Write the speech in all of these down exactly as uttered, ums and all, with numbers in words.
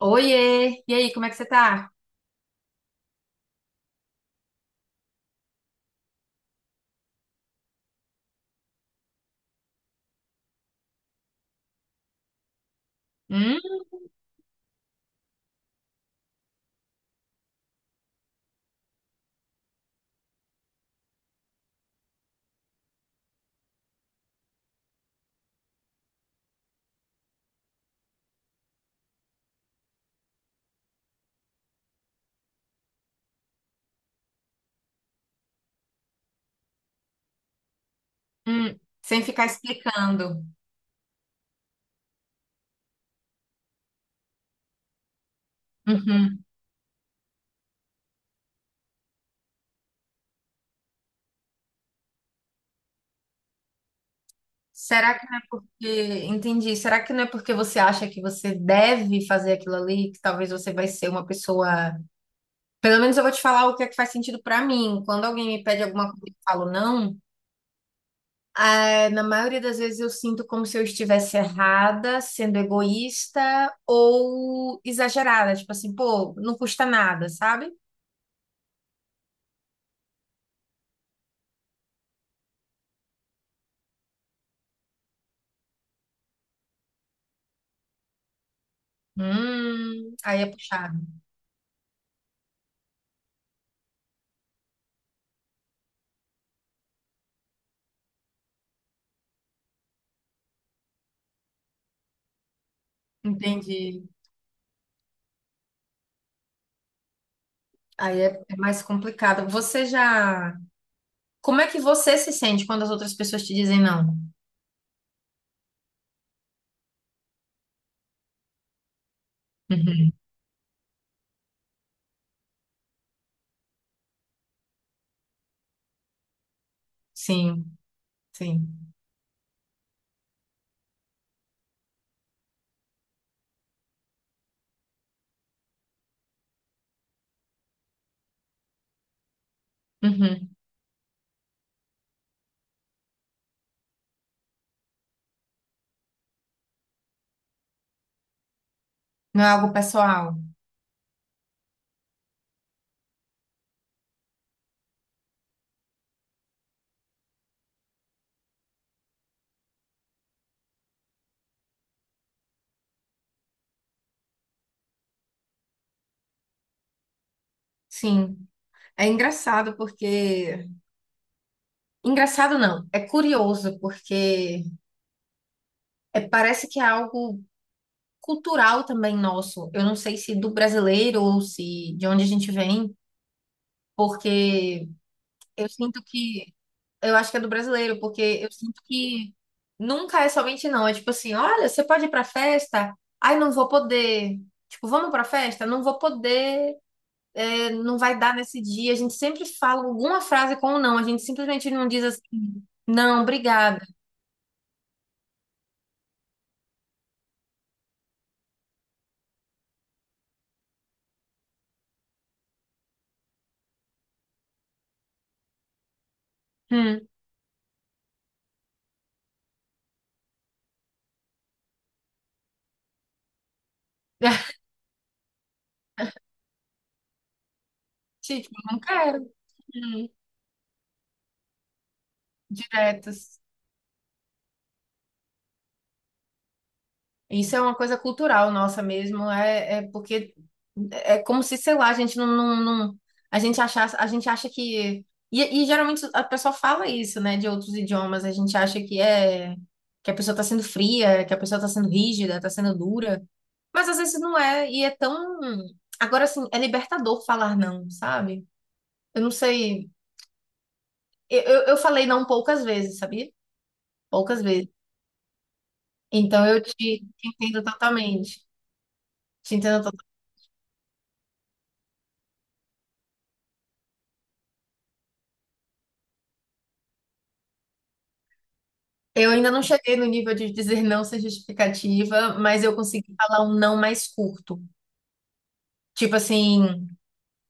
Oiê! E aí, como é que você tá? Hum? Hum, Sem ficar explicando. Uhum. Será que não é porque. Entendi. Será que não é porque você acha que você deve fazer aquilo ali, que talvez você vai ser uma pessoa. Pelo menos eu vou te falar o que é que faz sentido pra mim. Quando alguém me pede alguma coisa e eu falo não, ah, na maioria das vezes eu sinto como se eu estivesse errada, sendo egoísta ou exagerada. Tipo assim, pô, não custa nada, sabe? Hum, aí é puxado. Entendi. Aí é é mais complicado. Você já. Como é que você se sente quando as outras pessoas te dizem não? Uhum. Sim, sim. Uhum. Não é algo pessoal? Sim. É engraçado porque. Engraçado não, é curioso porque é- parece que é algo cultural também nosso. Eu não sei se do brasileiro ou se de onde a gente vem, porque eu sinto que eu acho que é do brasileiro, porque eu sinto que nunca é somente não. É tipo assim, olha, você pode ir pra festa? Ai, não vou poder. Tipo, vamos pra festa? Não vou poder, é, não vai dar nesse dia. A gente sempre fala alguma frase com o não. A gente simplesmente não diz assim, não, obrigada. Hum. Tipo, não quero. Hum. Direto. Isso é uma coisa cultural nossa mesmo, é, é porque é como se, sei lá, a gente não, não, não- a gente achasse, a gente acha que e, e geralmente a pessoa fala isso, né, de outros idiomas, a gente acha que é que a pessoa está sendo fria, que a pessoa está sendo rígida, está sendo dura, mas às vezes não é e é tão agora assim, é libertador falar não, sabe? Eu não sei, eu, eu, eu falei não poucas vezes, sabia? Poucas vezes. Então eu te te entendo totalmente. Te entendo. Eu ainda não cheguei no nível de dizer não sem justificativa, mas eu consegui falar um não mais curto. Tipo assim,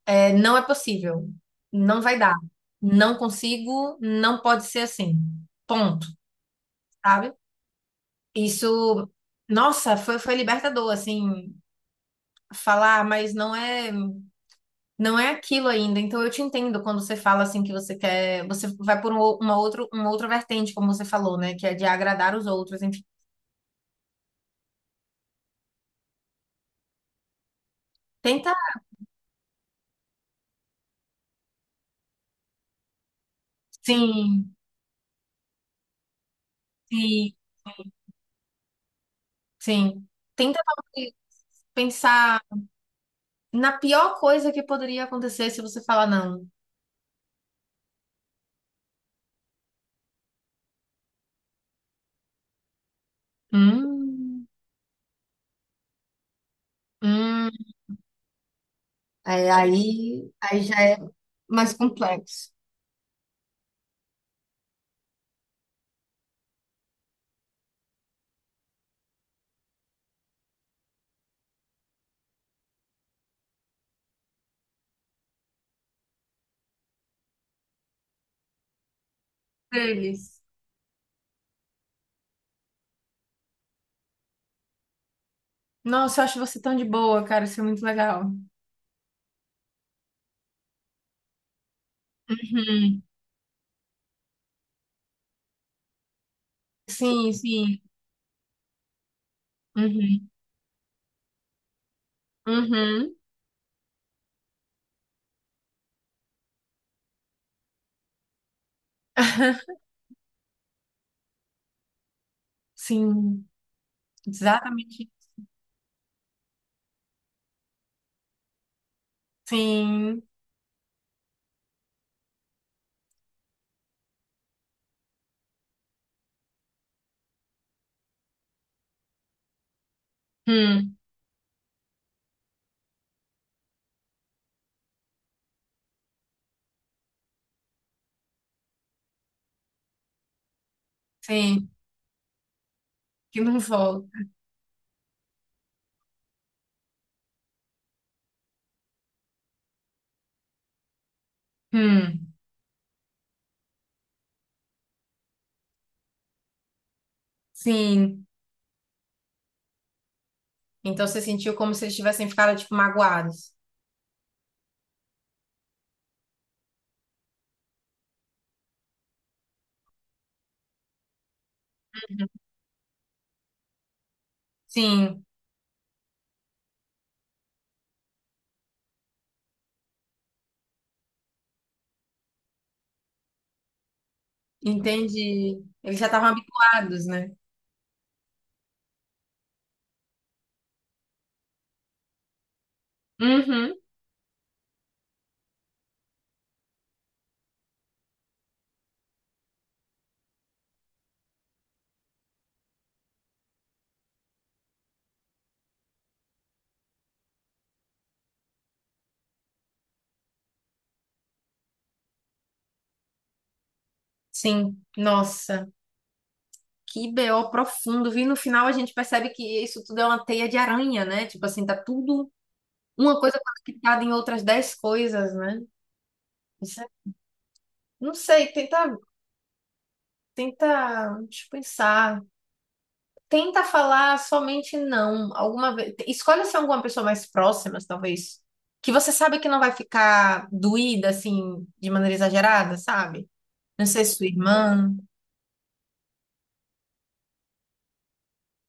é, não é possível, não vai dar, não consigo, não pode ser assim. Ponto, sabe? Isso, nossa, foi, foi libertador, assim, falar, mas não é, não é aquilo ainda. Então eu te entendo quando você fala assim que você quer, você vai por um ou- uma outro, uma outra vertente, como você falou, né? Que é de agradar os outros, enfim. Tenta, sim. Sim, sim. Tenta talvez, pensar na pior coisa que poderia acontecer se você falar não. Hum, hum, é, aí, aí, já é mais complexo. Deles. Nossa, eu acho você tão de boa, cara. Isso é muito legal. Uhum. Sim, sim. Uhum. Uhum. Sim. Exatamente. Sim. Hum. Sim. Que não volta. Hum. Sim. Então você sentiu como se eles tivessem ficado, tipo, magoados. Sim. Entendi. Eles já estavam habituados, né? Uhum. Sim. Nossa, que B O profundo. Vi no final a gente percebe que isso tudo é uma teia de aranha, né? Tipo assim, tá tudo uma coisa conectada em outras dez coisas, né? Isso é- Não sei, tenta, tenta, deixa eu pensar. Tenta falar somente não. Alguma vez, escolha ser alguma pessoa mais próxima, talvez, que você sabe que não vai ficar doída assim de maneira exagerada, sabe? Não sei, sua irmã.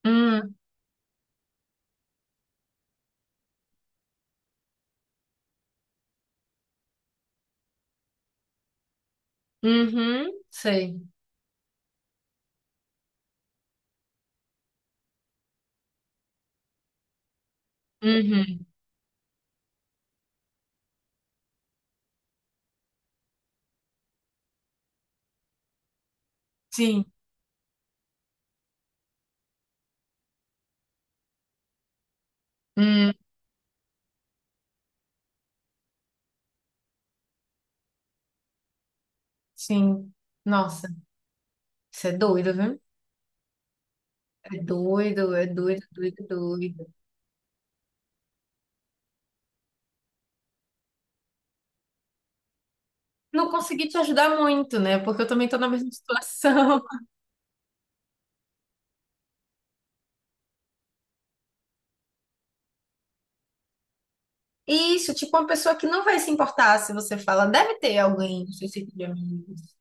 Hum. Uhum, sei. Uhum, sim. Hum, sim. Nossa, isso é doido, viu? É doido, é doido, doido, doido. Não consegui te ajudar muito, né? Porque eu também tô na mesma situação. Isso, tipo, uma pessoa que não vai se importar se você fala, deve ter alguém no seu círculo de amigos.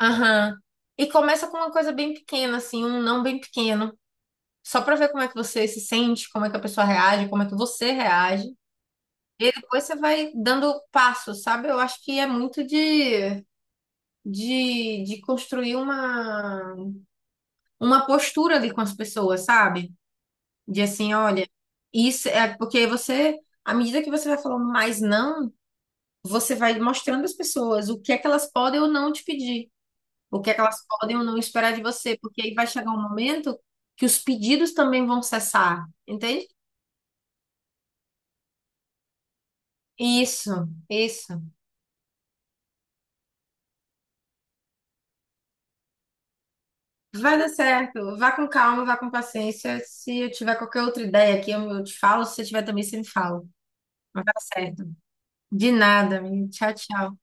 Aham. E começa com uma coisa bem pequena, assim, um não bem pequeno. Só pra ver como é que você se sente, como é que a pessoa reage, como é que você reage. E depois você vai dando passo, sabe? Eu acho que é muito de, de, de construir uma, uma postura ali com as pessoas, sabe? De assim, olha, isso é porque você, à medida que você vai falando mais não, você vai mostrando às pessoas o que é que elas podem ou não te pedir, o que é que elas podem ou não esperar de você, porque aí vai chegar um momento que os pedidos também vão cessar, entende? Isso, isso. Vai dar certo. Vá com calma, vá com paciência. Se eu tiver qualquer outra ideia aqui, eu eu te falo. Se você tiver também, você me fala. Mas vai dar certo. De nada, menino. Tchau, tchau.